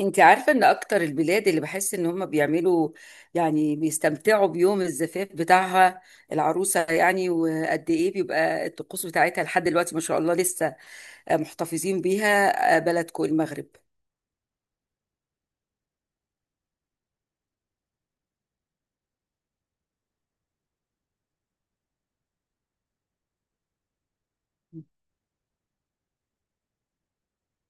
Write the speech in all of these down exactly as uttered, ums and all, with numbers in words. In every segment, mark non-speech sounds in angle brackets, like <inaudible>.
انت عارفة ان اكتر البلاد اللي بحس ان هم بيعملوا يعني بيستمتعوا بيوم الزفاف بتاعها العروسة يعني وقد ايه بيبقى الطقوس بتاعتها لحد دلوقتي ما شاء الله لسه محتفظين بيها بلدكم المغرب؟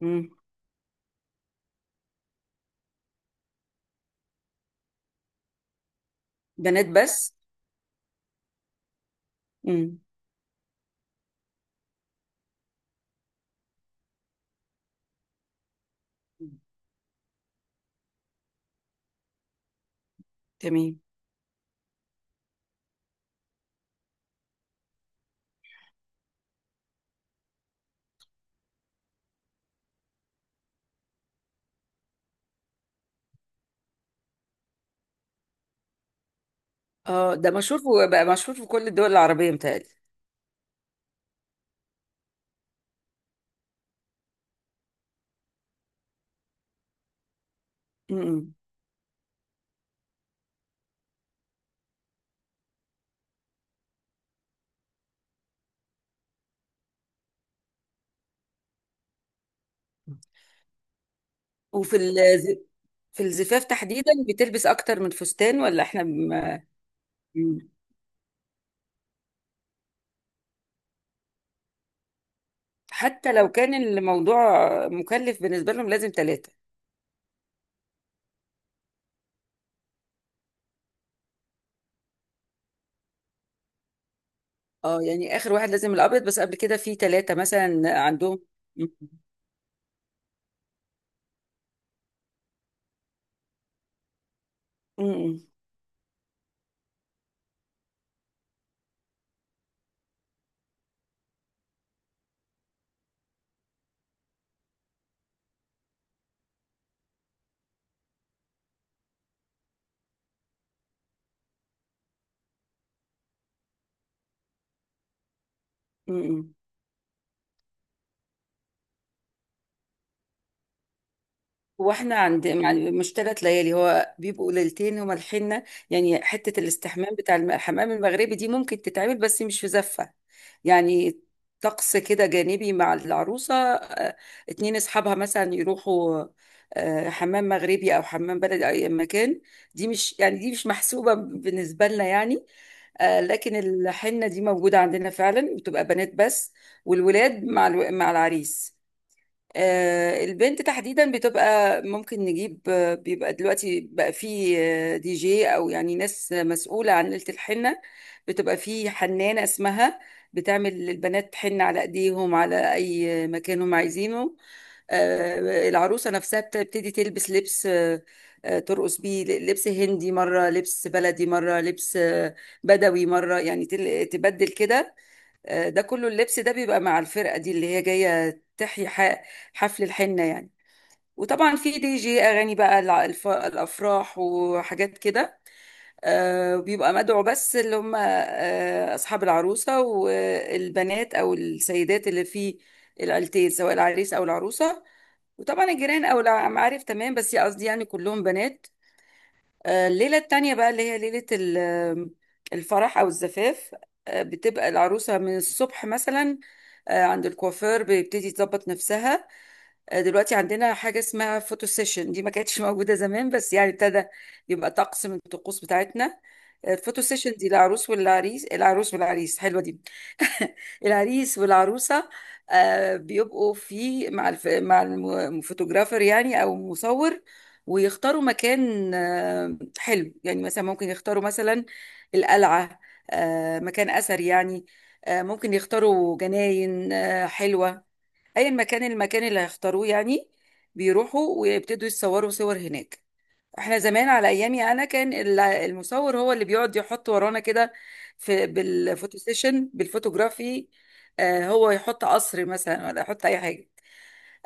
مم. بنات بس. مم. تمام. اه، ده مشهور في- بقى مشهور في كل الدول العربية متهيألي. مم. وفي ال- في الزفاف تحديدا بتلبس اكتر من فستان ولا احنا؟ مم. حتى لو كان الموضوع مكلف بالنسبة لهم لازم ثلاثة. اه، يعني آخر واحد لازم الأبيض، بس قبل كده في ثلاثة مثلا عندهم. م- م- م- م- هو احنا عند يعني مش ثلاث ليالي، هو بيبقوا ليلتين هما الحنة. يعني حتة الاستحمام بتاع الم- الحمام المغربي دي ممكن تتعمل بس مش في زفة. يعني طقس كده جانبي مع العروسة، آه، اتنين اصحابها مثلا يروحوا آه، حمام مغربي او حمام بلدي او اي مكان. دي مش يعني دي مش محسوبة بالنسبة لنا يعني. آه، لكن الحنة دي موجودة عندنا فعلا بتبقى بنات بس. والولاد مع الو- مع العريس. آه، البنت تحديدا بتبقى ممكن نجيب، آه، بيبقى دلوقتي بقى فيه آه، دي جي او يعني ناس مسؤولة عن ليلة الحنة. بتبقى فيه حنانة اسمها بتعمل للبنات حنة على ايديهم على اي مكان هم عايزينه. آه، العروسة نفسها بتبتدي تلبس لبس آه، آه، ترقص بيه لبس هندي مرة، لبس بلدي مرة، لبس آه، بدوي مرة، يعني تل- تبدل كده. آه، ده كله اللبس ده بيبقى مع الفرقة دي اللي هي جاية تحيي ح- حفل الحنة يعني. وطبعا في دي جي أغاني بقى الع- الف- الأفراح وحاجات كده. آه، بيبقى مدعو بس اللي هم آه، أصحاب العروسة والبنات أو السيدات اللي في العيلتين سواء العريس أو العروسة. وطبعا الجيران أو المعارف تمام، بس قصدي يعني كلهم بنات. آه، الليلة التانية بقى اللي هي ليلة ال- الفرح أو الزفاف. آه، بتبقى العروسة من الصبح مثلا، آه، عند الكوافير بيبتدي تظبط نفسها. آه، دلوقتي عندنا حاجة اسمها فوتو سيشن، دي ما كانتش <laughs> موجودة زمان بس يعني ابتدى يبقى طقس من الطقوس بتاعتنا. آه، الفوتو سيشن دي العروس والعريس العروس والعريس حلوة دي، العريس والعروسة. آه، بيبقوا في مع الف... مع الفوتوغرافر يعني أو مصور. ويختاروا مكان آه، حلو، يعني مثلا ممكن يختاروا مثلا القلعة، آه، مكان أثر يعني. آه، ممكن يختاروا جناين آه، حلوة، أي مكان المكان اللي هيختاروه يعني، بيروحوا ويبتدوا يتصوروا صور هناك. احنا زمان على ايامي انا كان ال- المصور هو اللي بيقعد يحط ورانا كده في بالفوتو سيشن بالفوتوغرافي. آه، هو يحط قصر مثلا ولا يحط اي حاجه.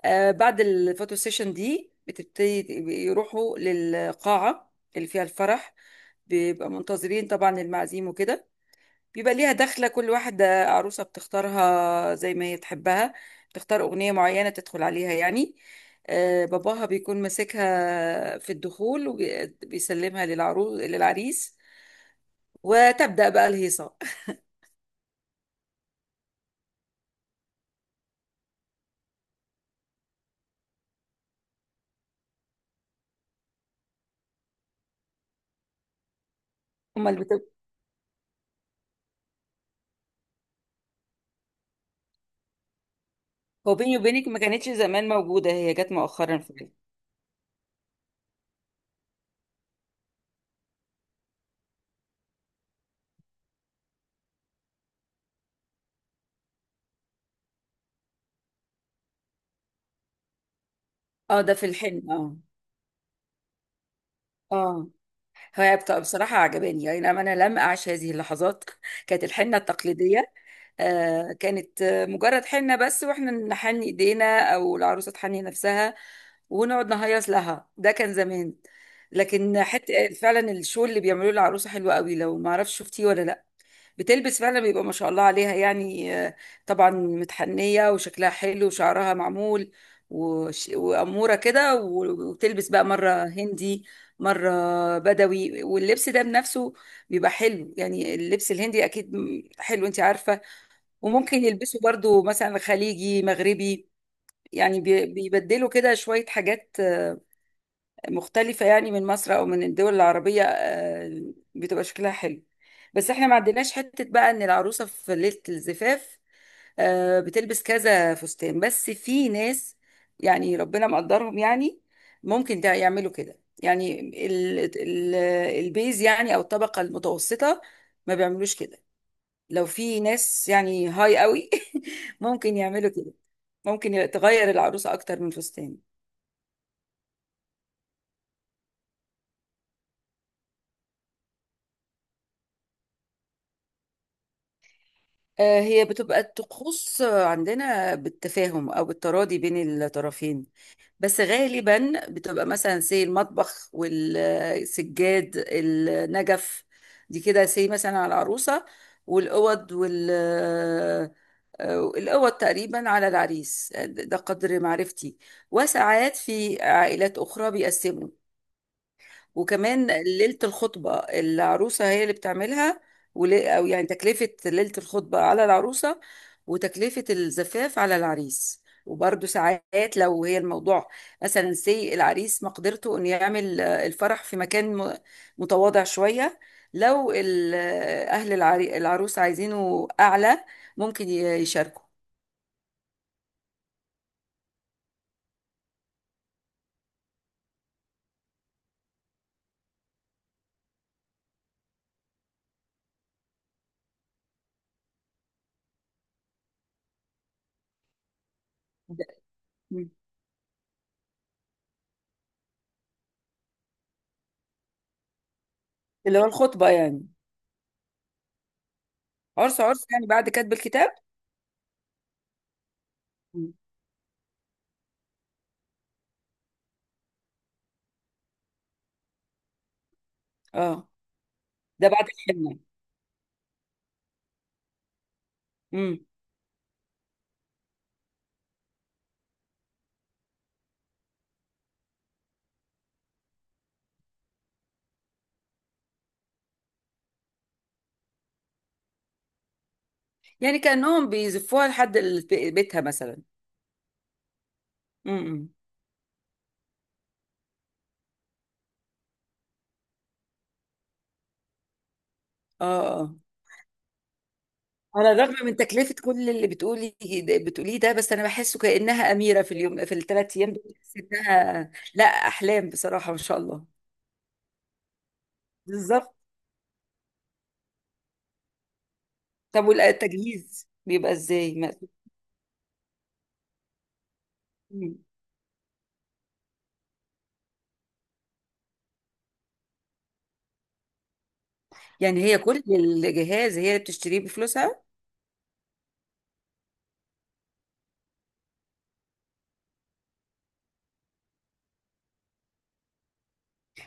آه، بعد الفوتو سيشن دي بتبتدي يروحوا للقاعه اللي فيها الفرح، بيبقى منتظرين طبعا المعازيم وكده. بيبقى ليها دخلة، كل واحدة عروسة بتختارها زي ما هي تحبها، تختار أغنية معينة تدخل عليها يعني. آه، باباها بيكون ماسكها في الدخول وبيسلمها للعروس للعريس، وتبدأ بقى الهيصة. <laughs> أمال بتبقى. هو بيني وبينك، ما كانتش زمان موجودة، هي جت مؤخرا في. اه، ده في الحلم، اه. اه. هي بت- بصراحة عجباني يعني، أنا أنا لم أعش هذه اللحظات. <laughs> كانت الحنة التقليدية. آه، كانت آه، مجرد حنة بس، واحنا نحن ايدينا او العروسة تحني نفسها ونقعد نهيص لها، ده كان زمان. لكن حتى فعلا الشغل اللي بيعملوه العروسة حلو قوي، لو ما اعرفش، شفتيه ولا لا؟ بتلبس فعلا بيبقى ما شاء الله عليها يعني، آه، طبعا متحنية وشكلها حلو وشعرها معمول وش- وأمورة كده و- وتلبس بقى مرة هندي، مرة بدوي، واللبس ده بنفسه بيبقى حلو، يعني اللبس الهندي أكيد م- حلو أنت عارفة. وممكن يلبسوا برضو مثلا خليجي مغربي، يعني بي- بيبدلوا كده شوية حاجات آه، مختلفة يعني، من مصر أو من الدول العربية، آه، بتبقى شكلها حلو. بس احنا ما عندناش حتة بقى إن العروسة في ليلة الزفاف آه، بتلبس كذا فستان، بس في ناس يعني ربنا مقدرهم يعني، ممكن ده يعملوا كده يعني. ال ال البيز يعني أو الطبقة المتوسطة ما بيعملوش كده، لو في ناس يعني هاي قوي <laughs> ممكن يعملوا كده، ممكن ي- تغير العروسة أكتر من فستان. آه، هي بتبقى الطقوس آه، عندنا بالتفاهم أو بالتراضي بين الطرفين، بس غالبا بتبقى مثلا زي المطبخ والسجاد النجف، دي كده زي مثلا على العروسة، والأوض وال آه، الأوض تقريبا على العريس، ده قدر معرفتي. وساعات في عائلات أخرى بيقسموا، وكمان ليلة الخطبة العروسة هي اللي بتعملها، ولا- أو يعني تكلفة ليلة الخطبة على العروسة وتكلفة الزفاف على العريس. وبرضه ساعات لو هي الموضوع مثلا سي العريس مقدرته انه يعمل آه، الفرح في مكان م- متواضع شوية، لو ال- آه، أهل العري- العروس عايزينه أعلى ممكن ي- يشاركوا. ده- مم. اللي هو الخطبة يعني؟ عرس، عرس، يعني بعد كتب الكتاب. مم. اه، ده بعد الحنة. يعني كأنهم بيزفوها لحد ال- بيتها مثلا. امم. اه، اه. على الرغم من تكلفة كل اللي بتقولي بتقوليه ده، بس أنا بحسه كأنها أميرة، في اليوم في الثلاث أيام دول، بحس إنها لا أحلام، بصراحة ما شاء الله. بالظبط. طب والتجهيز بيبقى إزاي؟ ما- مم. يعني هي كل الجهاز هي اللي بتشتريه بفلوسها؟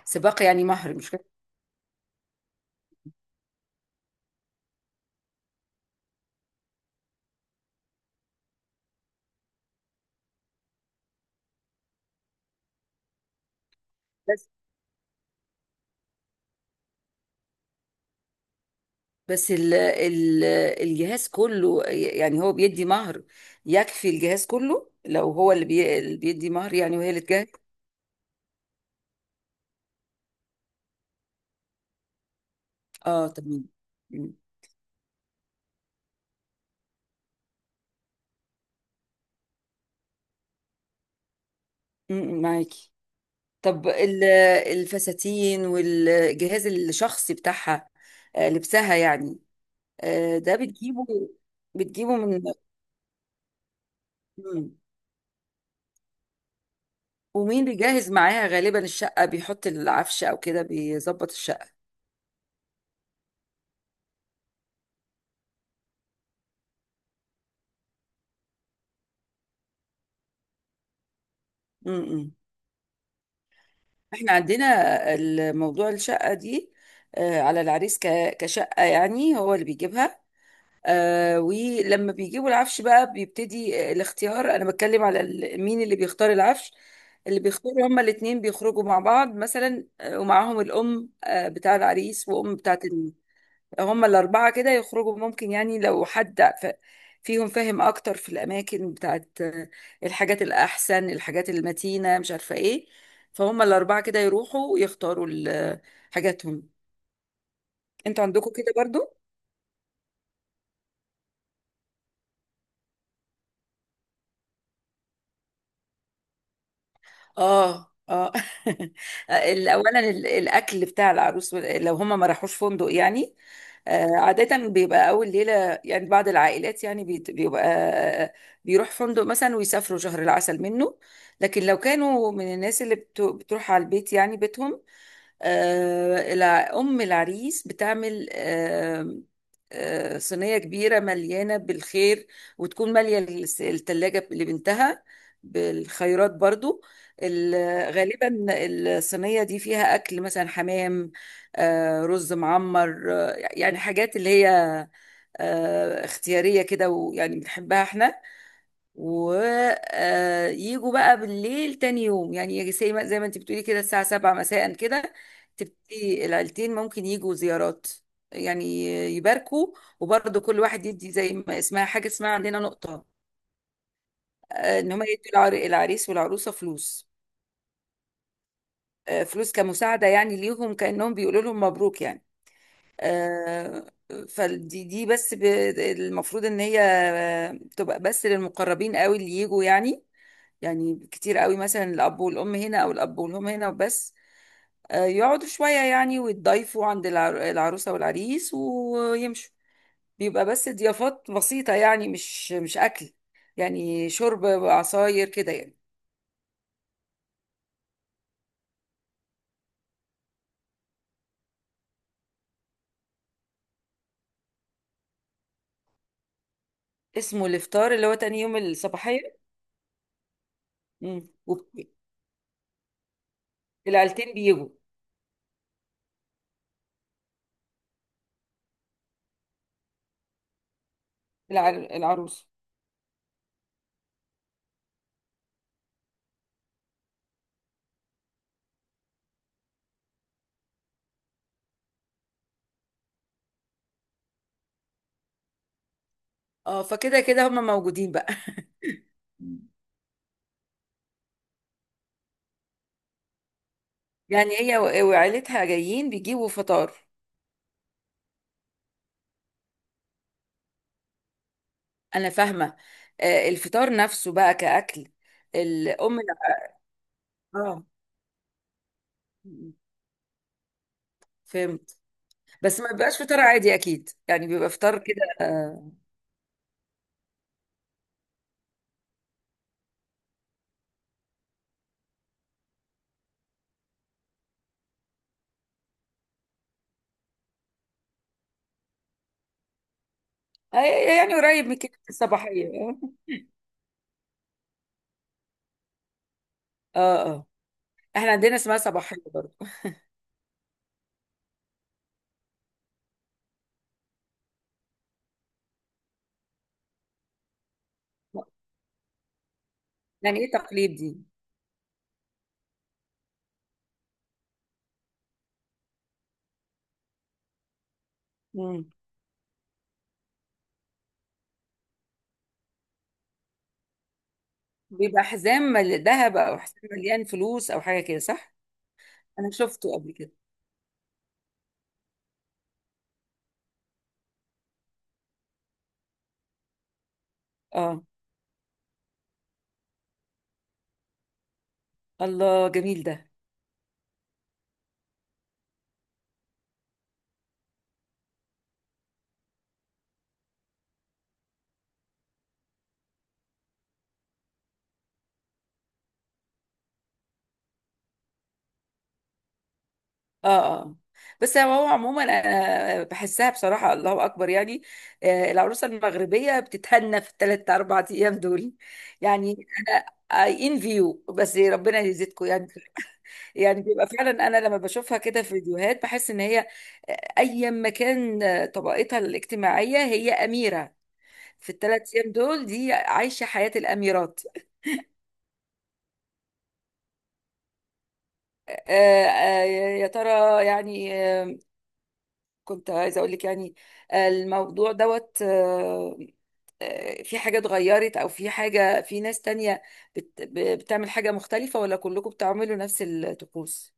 سباق يعني مهر، مش كده؟ بس ال ال الجهاز كله يعني هو بيدي مهر، يكفي الجهاز كله لو هو اللي بي اللي بيدي مهر يعني؟ وهي اللي تجاهد. اه، تمام. م- م- معاكي. طب ال- الفساتين والجهاز الشخصي بتاعها، آه، لبسها يعني، آه، ده بتجيبه بتجيبه من. م. ومين بيجهز معاها غالبا الشقة؟ بيحط العفش او كده بيظبط الشقة. م- م. احنا عندنا الموضوع الشقة دي آه، على العريس ك- كشقة يعني، هو اللي بيجيبها. آه، ولما بيجيبوا العفش بقى بيبتدي آه، الاختيار، انا بتكلم على ال- مين اللي بيختار العفش. اللي بيختاروا هما الاتنين بيخرجوا مع بعض مثلا، آه، ومعاهم الأم آه، بتاع العريس وأم بتاعة، هما الأربعة كده يخرجوا. ممكن يعني لو حد ف- فيهم فاهم أكتر في الأماكن بتاعت الحاجات الأحسن، الحاجات المتينة، مش عارفة إيه، فهم الأربعة كده يروحوا يختاروا ال- حاجاتهم. أنتوا عندكم كده برضو؟ اه، اه. <laughs> ال- اولا ال- الاكل بتاع العروس، وال- لو هم ما راحوش فندق يعني. آه، عادة بيبقى أول ليلة، يعني بعض العائلات يعني بيت- بيبقى آه، بيروح فندق مثلا ويسافروا شهر العسل منه. لكن لو كانوا من الناس اللي بت- بتروح على البيت يعني بيتهم، آه، الع- أم العريس بتعمل آه، آه، صينية كبيرة مليانة بالخير، وتكون مالية الس- التلاجة لبنتها بالخيرات برضو. ال- غالبا الصينية دي فيها أكل مثلا حمام، آه، رز معمر، آه، يعني حاجات اللي هي آه، اختيارية كده ويعني بنحبها احنا. ويجوا بقى بالليل تاني يوم، يعني يجي زي ما زي ما انت بتقولي كده الساعة سبعة مساء كده، تبتدي العيلتين ممكن يجوا زيارات يعني يباركوا. وبرضه كل واحد يدي زي ما اسمها، حاجة اسمها عندنا نقطة، آه، ان هم يدوا العر- العريس والعروسة فلوس، آه، فلوس كمساعدة يعني ليهم كأنهم بيقولوا لهم مبروك يعني. آه، فدي دي بس ب- المفروض ان هي آه، تبقى بس للمقربين قوي اللي يجوا يعني، يعني كتير قوي مثلا الاب والام هنا او الاب والام هنا وبس. آه، يقعدوا شوية يعني ويتضايفوا عند العر- العروسة والعريس ويمشوا. بيبقى بس ضيافات بسيطة، يعني مش مش أكل، يعني شرب عصاير كده يعني. اسمه الإفطار اللي هو تاني يوم الصباحية. مم. وب- العيلتين بيجوا العر... العروس. اه، فكده كده هما موجودين بقى. <laughs> يعني هي و- وعيلتها جايين بيجيبوا فطار. انا فاهمه. آه، الفطار نفسه بقى كاكل الام لا. اه، فهمت. بس ما بيبقاش فطار عادي اكيد، يعني بيبقى فطار كده آه، آه، يعني قريب من كده الصباحيه، اه. اه، آه. احنا عندنا اسمها صباحيه برضه. يعني ايه تقليد دي؟ مم. بيبقى حزام مل- ذهب، او حزام مليان فلوس، او حاجه كده، صح؟ انا شفته قبل كده. اه. الله، جميل ده. اه، اه. بس هو عموما، انا بحسها بصراحه، الله اكبر يعني. آه، العروسه المغربيه بتتهنى في الثلاث اربع ايام دول يعني. انا، اي ان فيو، بس ربنا يزيدكم يعني. يعني بيبقى فعلا، انا لما بشوفها كده في فيديوهات بحس ان هي آه، ايا ما كان آه، طبقتها الاجتماعيه هي اميره، في الثلاث ايام دول دي عايشه حياه الاميرات. آه، آه، يا ترى يعني آه، كنت عايزه اقول لك يعني، آه، الموضوع دوت آه، آه، في حاجة اتغيرت أو في حاجة في ناس تانية بت... ب- بتعمل حاجة مختلفة ولا كلكم بتعملوا نفس الطقوس؟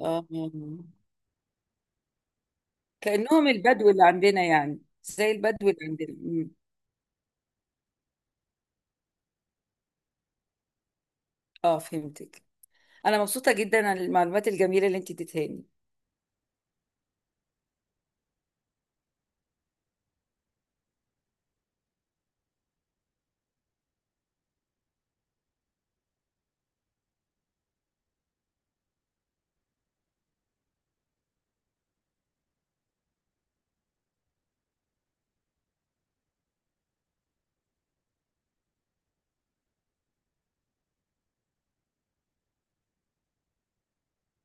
اه، كأنهم البدو اللي عندنا يعني، زي البدو اللي عندنا. مم. اه، فهمتك، أنا مبسوطة جدا عن المعلومات الجميلة اللي انت اديتها لي.